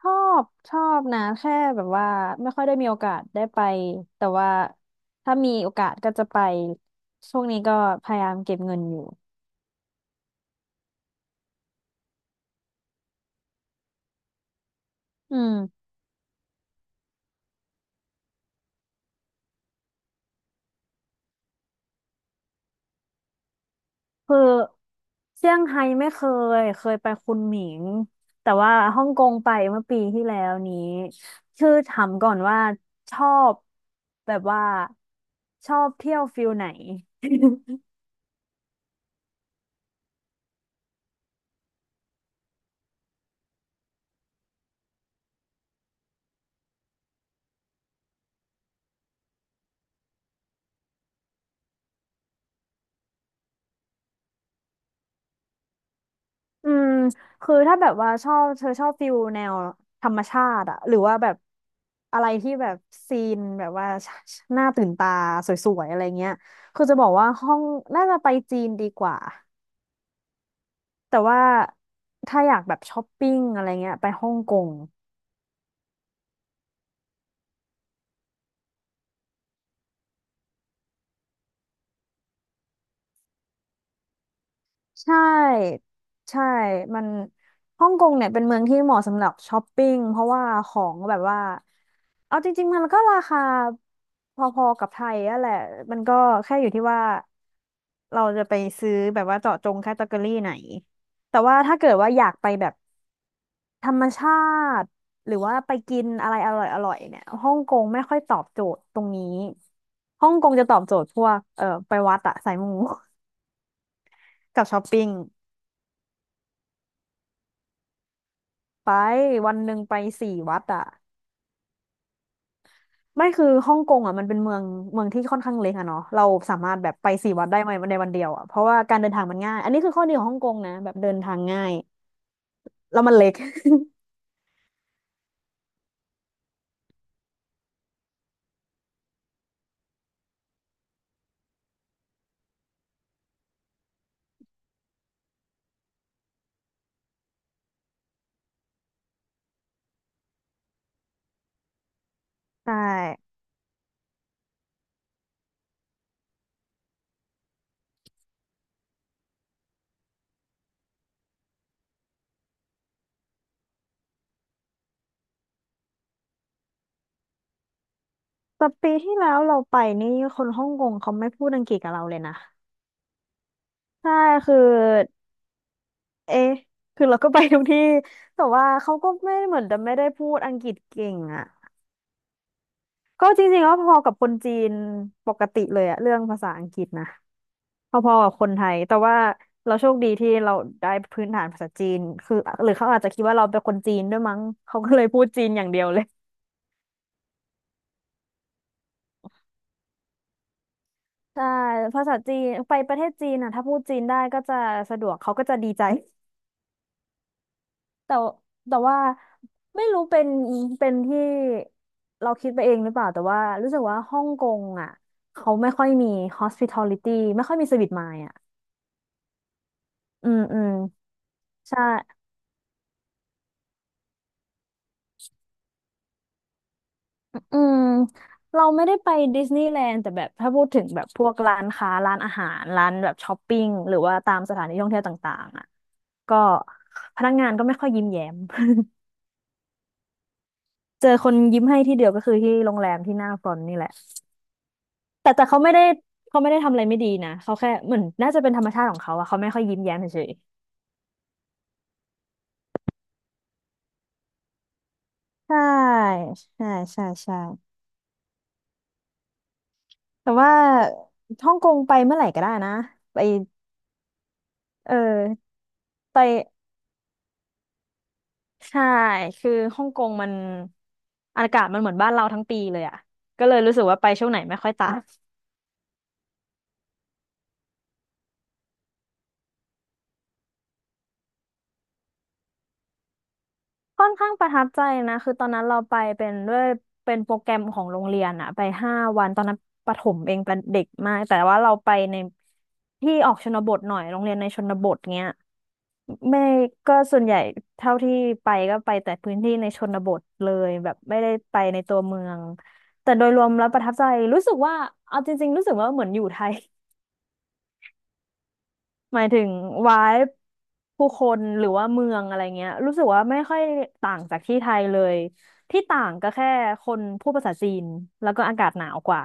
ชอชอบนะแค่แบบว่าไม่ค่อยได้มีโอกาสได้ไปแต่ว่าถ้ามีโอกาสก็จะไปช่วงนี้ก็พยายามเก็บเงินอยู่อืมคือเซี่ยงไฮ้ไม่เคยไปคุนหมิงแต่ว่าฮ่องกงไปเมื่อปีที่แล้วนี้คือถามก่อนว่าชอบแบบว่าชอบเที่ยวฟิลไหน อืมคือถ้าแบบว่าชอบเธอชอบฟิลแนวธรรมชาติอะหรือว่าแบบอะไรที่แบบซีนแบบว่าหน้าตื่นตาสวยๆอะไรเงี้ยคือจะบอกว่าห้องน่าจะไปจีนดีกว่าแต่ว่าถ้าอยากแบบช้อปปิ้งอะไรเงี้ยไปฮ่องกง ใช่ใช่มันฮ่องกงเนี่ยเป็นเมืองที่เหมาะสำหรับช้อปปิ้งเพราะว่าของแบบว่าเอาจริงๆมันก็ราคาพอๆกับไทยอะแหละมันก็แค่อยู่ที่ว่าเราจะไปซื้อแบบว่าเจาะจงแคตตาล็อกไหนแต่ว่าถ้าเกิดว่าอยากไปแบบธรรมชาติหรือว่าไปกินอะไรอร่อยๆเนี่ยฮ่องกงไม่ค่อยตอบโจทย์ตรงนี้ฮ่องกงจะตอบโจทย์พวกไปวัดอะสายมู กับช้อปปิ้ง ไปวันหนึ่งไปสี่วัดอะไม่คือฮ่องกงอะมันเป็นเมืองที่ค่อนข้างเล็กอะเนาะเราสามารถแบบไปสี่วัดได้ในวันเดียวอะเพราะว่าการเดินทางมันง่ายอันนี้คือข้อดีของฮ่องกงนะแบบเดินทางง่ายแล้วมันเล็ก ใช่แต่ปีที่แล้วเราไปนี่คนฮ่องกงเขาไม่พูดอังกฤษกับเราเลยนะใช่คือเอ๊ะคือเราก็ไปทุกที่แต่ว่าเขาก็ไม่เหมือนจะไม่ได้พูดอังกฤษเก่งอะก็จริงๆก็พอกับคนจีนปกติเลยอะเรื่องภาษาอังกฤษนะ พอๆกับคนไทยแต่ว่าเราโชคดีที่เราได้พื้นฐานภาษาจีนคือหรือเขาอาจจะคิดว่าเราเป็นคนจีนด้วยมั้งเขาก็เลยพูดจีนอย่างเดียวเลยใช่ภาษาจีนไปประเทศจีนอ่ะถ้าพูดจีนได้ก็จะสะดวกเขาก็จะดีใจ แต่แต่ว่าไม่รู้เป็นที่เราคิดไปเองหรือเปล่าแต่ว่ารู้สึกว่าฮ่องกงอ่ะเขาไม่ค่อยมี hospitality ไม่ค่อยมี service mind อ่ะอืมอืมใช่ อืมเราไม่ได้ไปดิสนีย์แลนด์แต่แบบถ้าพูดถึงแบบพวกร้านค้าร้านอาหารร้านแบบช้อปปิ้งหรือว่าตามสถานที่ท่องเที่ยวต่างๆอ่ะก็พนักงานก็ไม่ค่อยยิ้มแย้ม เจอคนยิ้มให้ที่เดียวก็คือที่โรงแรมที่หน้าฟรอนต์นี่แหละแต่แต่เขาไม่ได้เขาไม่ได้ทำอะไรไม่ดีนะเขาแค่เหมือนน่าจะเป็นธรรมชาติของเขาอะเขาไม่ค่อยยิ้มแย้มเฉยๆใช่ใช่ใช่ใช่แต่ว่าฮ่องกงไปเมื่อไหร่ก็ได้นะไปเออไป ใช่ คือฮ่องกงมันอากาศมันเหมือนบ้านเราทั้งปีเลยอ่ะก็เลยรู้สึกว่าไปช่วงไหนไม่ค่อยต่างค่อนข้างประทับใจนะคือตอนนั้นเราไปเป็นด้วยเป็นโปรแกรมของโรงเรียนอ่ะไป5 วันตอนนั้นประถมเองเป็นเด็กมากแต่ว่าเราไปในที่ออกชนบทหน่อยโรงเรียนในชนบทเงี้ยไม่ก็ส่วนใหญ่เท่าที่ไปก็ไปแต่พื้นที่ในชนบทเลยแบบไม่ได้ไปในตัวเมืองแต่โดยรวมแล้วประทับใจรู้สึกว่าเอาจริงๆรู้สึกว่าเหมือนอยู่ไทย หมายถึงวายผู้คนหรือว่าเมืองอะไรเงี้ยรู้สึกว่าไม่ค่อยต่างจากที่ไทยเลยที่ต่างก็แค่คนพูดภาษาจีนแล้วก็อากาศหนาวกว่า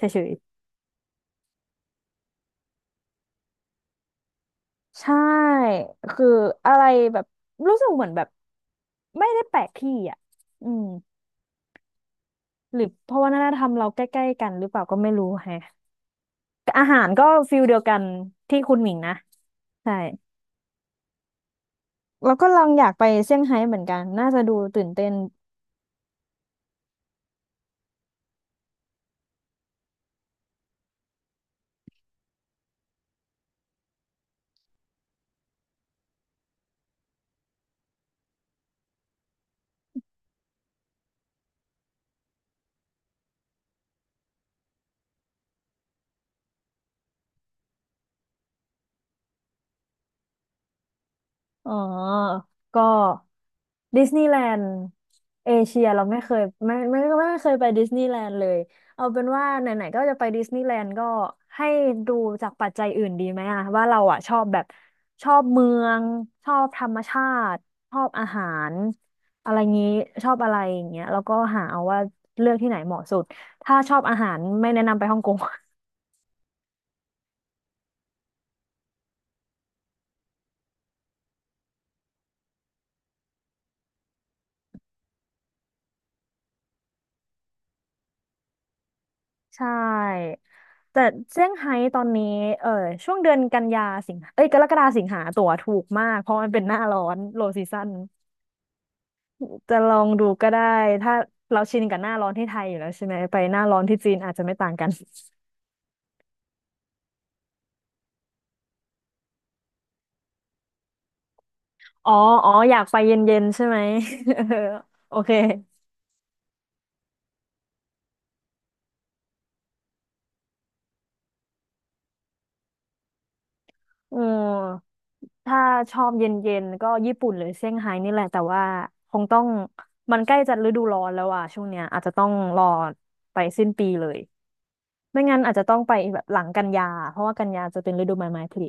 เฉยๆใช่คืออะไรแบบรู้สึกเหมือนแบบไม่ได้แปลกที่อ่ะอืมหรือเพราะวัฒนธรรมเราใกล้ๆกันหรือเปล่าก็ไม่รู้แฮะอาหารก็ฟิลเดียวกันที่คุณหมิงนะใช่แล้วก็ลองอยากไปเซี่ยงไฮ้เหมือนกันน่าจะดูตื่นเต้น อ๋อ ก็ดิสนีย์แลนด์เอเชียเราไม่เคยไม่เคยไปดิสนีย์แลนด์เลยเอาเป็นว่าไหนๆก็จะไปดิสนีย์แลนด์ก็ให้ดูจากปัจจัยอื่นดีไหมอะว่าเราอะชอบแบบชอบเมืองชอบธรรมชาติชอบอาหารอะไรงี้ชอบอะไรอย่างเงี้ยแล้วก็หาเอาว่าเลือกที่ไหนเหมาะสุดถ้าชอบอาหารไม่แนะนำไปฮ่องกง ใช่แต่เซี่ยงไฮ้ตอนนี้เออช่วงเดือนกันยาสิงหาเอ้ยกรกฎาสิงหาตั๋วถูกมากเพราะมันเป็นหน้าร้อนโลซีซั่นจะลองดูก็ได้ถ้าเราชินกับหน้าร้อนที่ไทยอยู่แล้วใช่ไหมไปหน้าร้อนที่จีนอาจจะไม่ต่างกันอ๋ออ๋ออยากไปเย็นๆใช่ไหม เออ โอเคอืมถ้าชอบเย็นๆก็ญี่ปุ่นหรือเซี่ยงไฮ้นี่แหละแต่ว่าคงต้องมันใกล้จะฤดูร้อนแล้วอ่ะช่วงเนี้ยอาจจะต้องรอไปสิ้นปีเลย ไม่งั้นอาจจะต้องไปแบบหลังกันยาเพราะว่ากันยาจะเป็นฤดูใบไม้ผลิ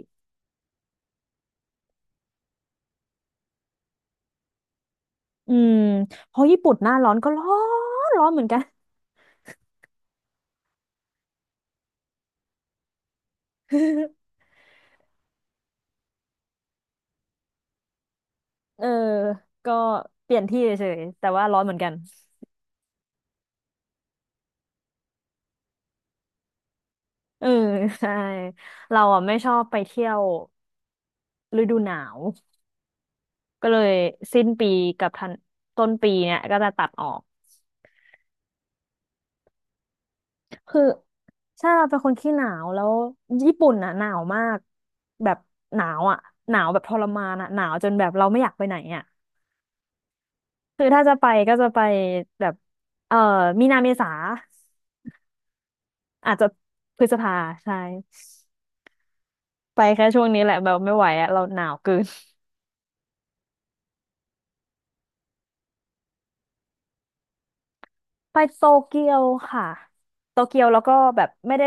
อืมเพราะญี่ปุ่นหน้าร้อนก็ร้อนร้อนเหมือนกัน เออก็เปลี่ยนที่เฉยๆแต่ว่าร้อนเหมือนกันเออ ใช่เราอ่ะไม่ชอบไปเที่ยวฤดูหนาวก็เลยสิ้นปีกับทันต้นปีเนี่ยก็จะตัดออกคือใช่เราเป็นคนขี้หนาวแล้วญี่ปุ่นอ่ะหนาวมากแบบหนาวอ่ะหนาวแบบทรมานอ่ะหนาวจนแบบเราไม่อยากไปไหนอ่ะ คือถ้าจะไปก็จะไปแบบเอ่อมีนาเมษาอาจจะพฤษภาใช่ไปแค่ช่วงนี้แหละแบบไม่ไหวอะเราหนาวเกิน ไปโตเกียวค่ะโตเกียวแล้วก็แบบไม่ได้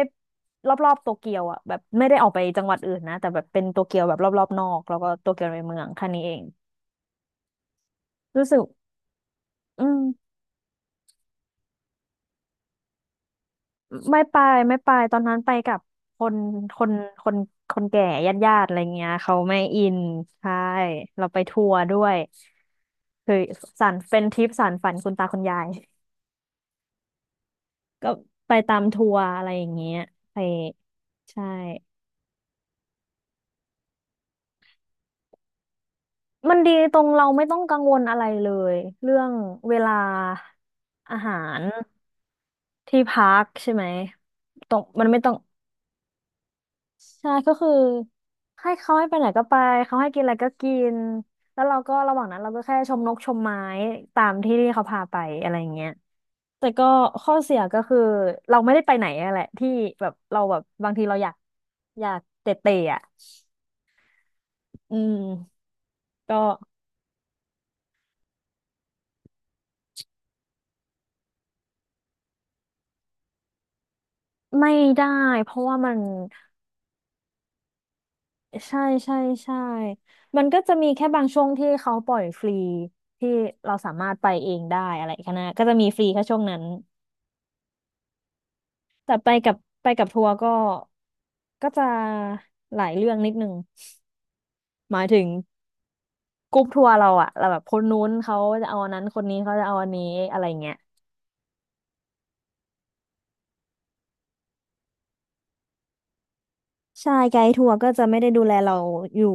รอบๆโตเกียวอ่ะแบบไม่ได้ออกไปจังหวัดอื่นนะแต่แบบเป็นโตเกียวแบบรอบๆนอกแล้วก็โตเกียวในเมืองแค่นี้เองรู้สึกอืม ไม่ไปตอนนั้นไปกับคนคนคนคนแก่ญาติอะไรเงี้ยเขาไม่อินใช่เราไปทัวร์ด้วยคือสานเป็นทริปสานฝันคุณตาคุณยายก็ไปตามทัวร์อะไรอย่างเงี้ยไปใช่มันดีตรงเราไม่ต้องกังวลอะไรเลยเรื่องเวลาอาหารที่พักใช่ไหมตรงมันไม่ต้อง ใช่ก็คือให้เขาให้ไปไหนก็ไปเขาให้กินอะไรก็กินแล้วเราก็ระหว่างนั้นเราก็แค่ชมนกชมไม้ตามที่ที่เขาพาไปอะไรอย่างเงี้ยแต่ก็ข้อเสียก็คือเราไม่ได้ไปไหนอะแหละที่แบบเราแบบบางทีเราอยากเตะเตะอ่ะอืมก็ไม่ได้เพราะว่ามันใช่ใช่ใช่มันก็จะมีแค่บางช่วงที่เขาปล่อยฟรีที่เราสามารถไปเองได้อะไรแค่นั้นก็จะมีฟรีแค่ช่วงนั้น แต่ไปกับทัวร์ก็จะหลายเรื่องนิดนึงหมายถึงกรุ๊ปทัวร์เราอะเราแบบคนนู้นเขาจะเอาอันนั้นคนนี้เขาจะเอาอันนี้อะไรเงี้ยใช่ไกด์ทัวร์ก็จะไม่ได้ดูแลเราอยู่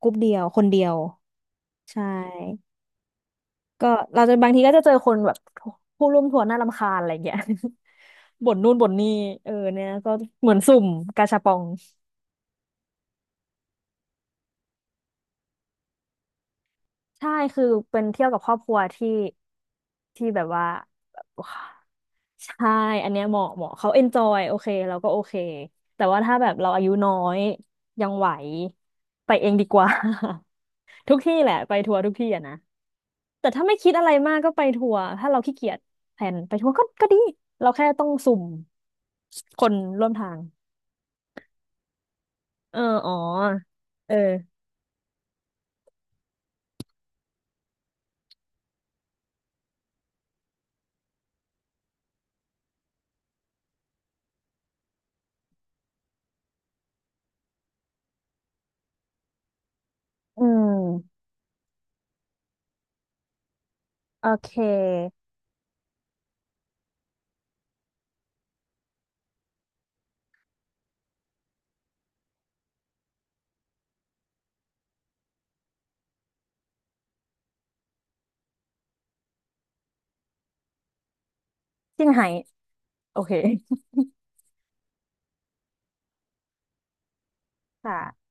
กรุ๊ปเดียวคนเดียวใช่ก็เราจะบางทีก็จะเจอคนแบบผู้ร่วมทัวร์น่ารำคาญอะไรเงี้ย บ่นนู่นบ่นนี่เออเนี่ยก็เหมือนสุ่มกาชาปองใช่คือเป็นเที่ยวกับครอบครัวที่แบบว่า ใช่ อันเนี้ยเหมาะเหมาะเขาเอนจอยโอเคเราก็โอเค แต่ว่าถ้าแบบเราอายุน้อยยังไหวไปเองดีกว่า ทุกที่แหละไปทัวร์ทุกที่อะนะแต่ถ้าไม่คิดอะไรมากก็ไปทัวร์ถ้าเราขี้เกียจแพนไปทัวร์ก็ดีเราแค่ต้องสุ่มคนร่วมทางเออเอออืมโอเคเซี่ยงไฮ้โอเคค่ะ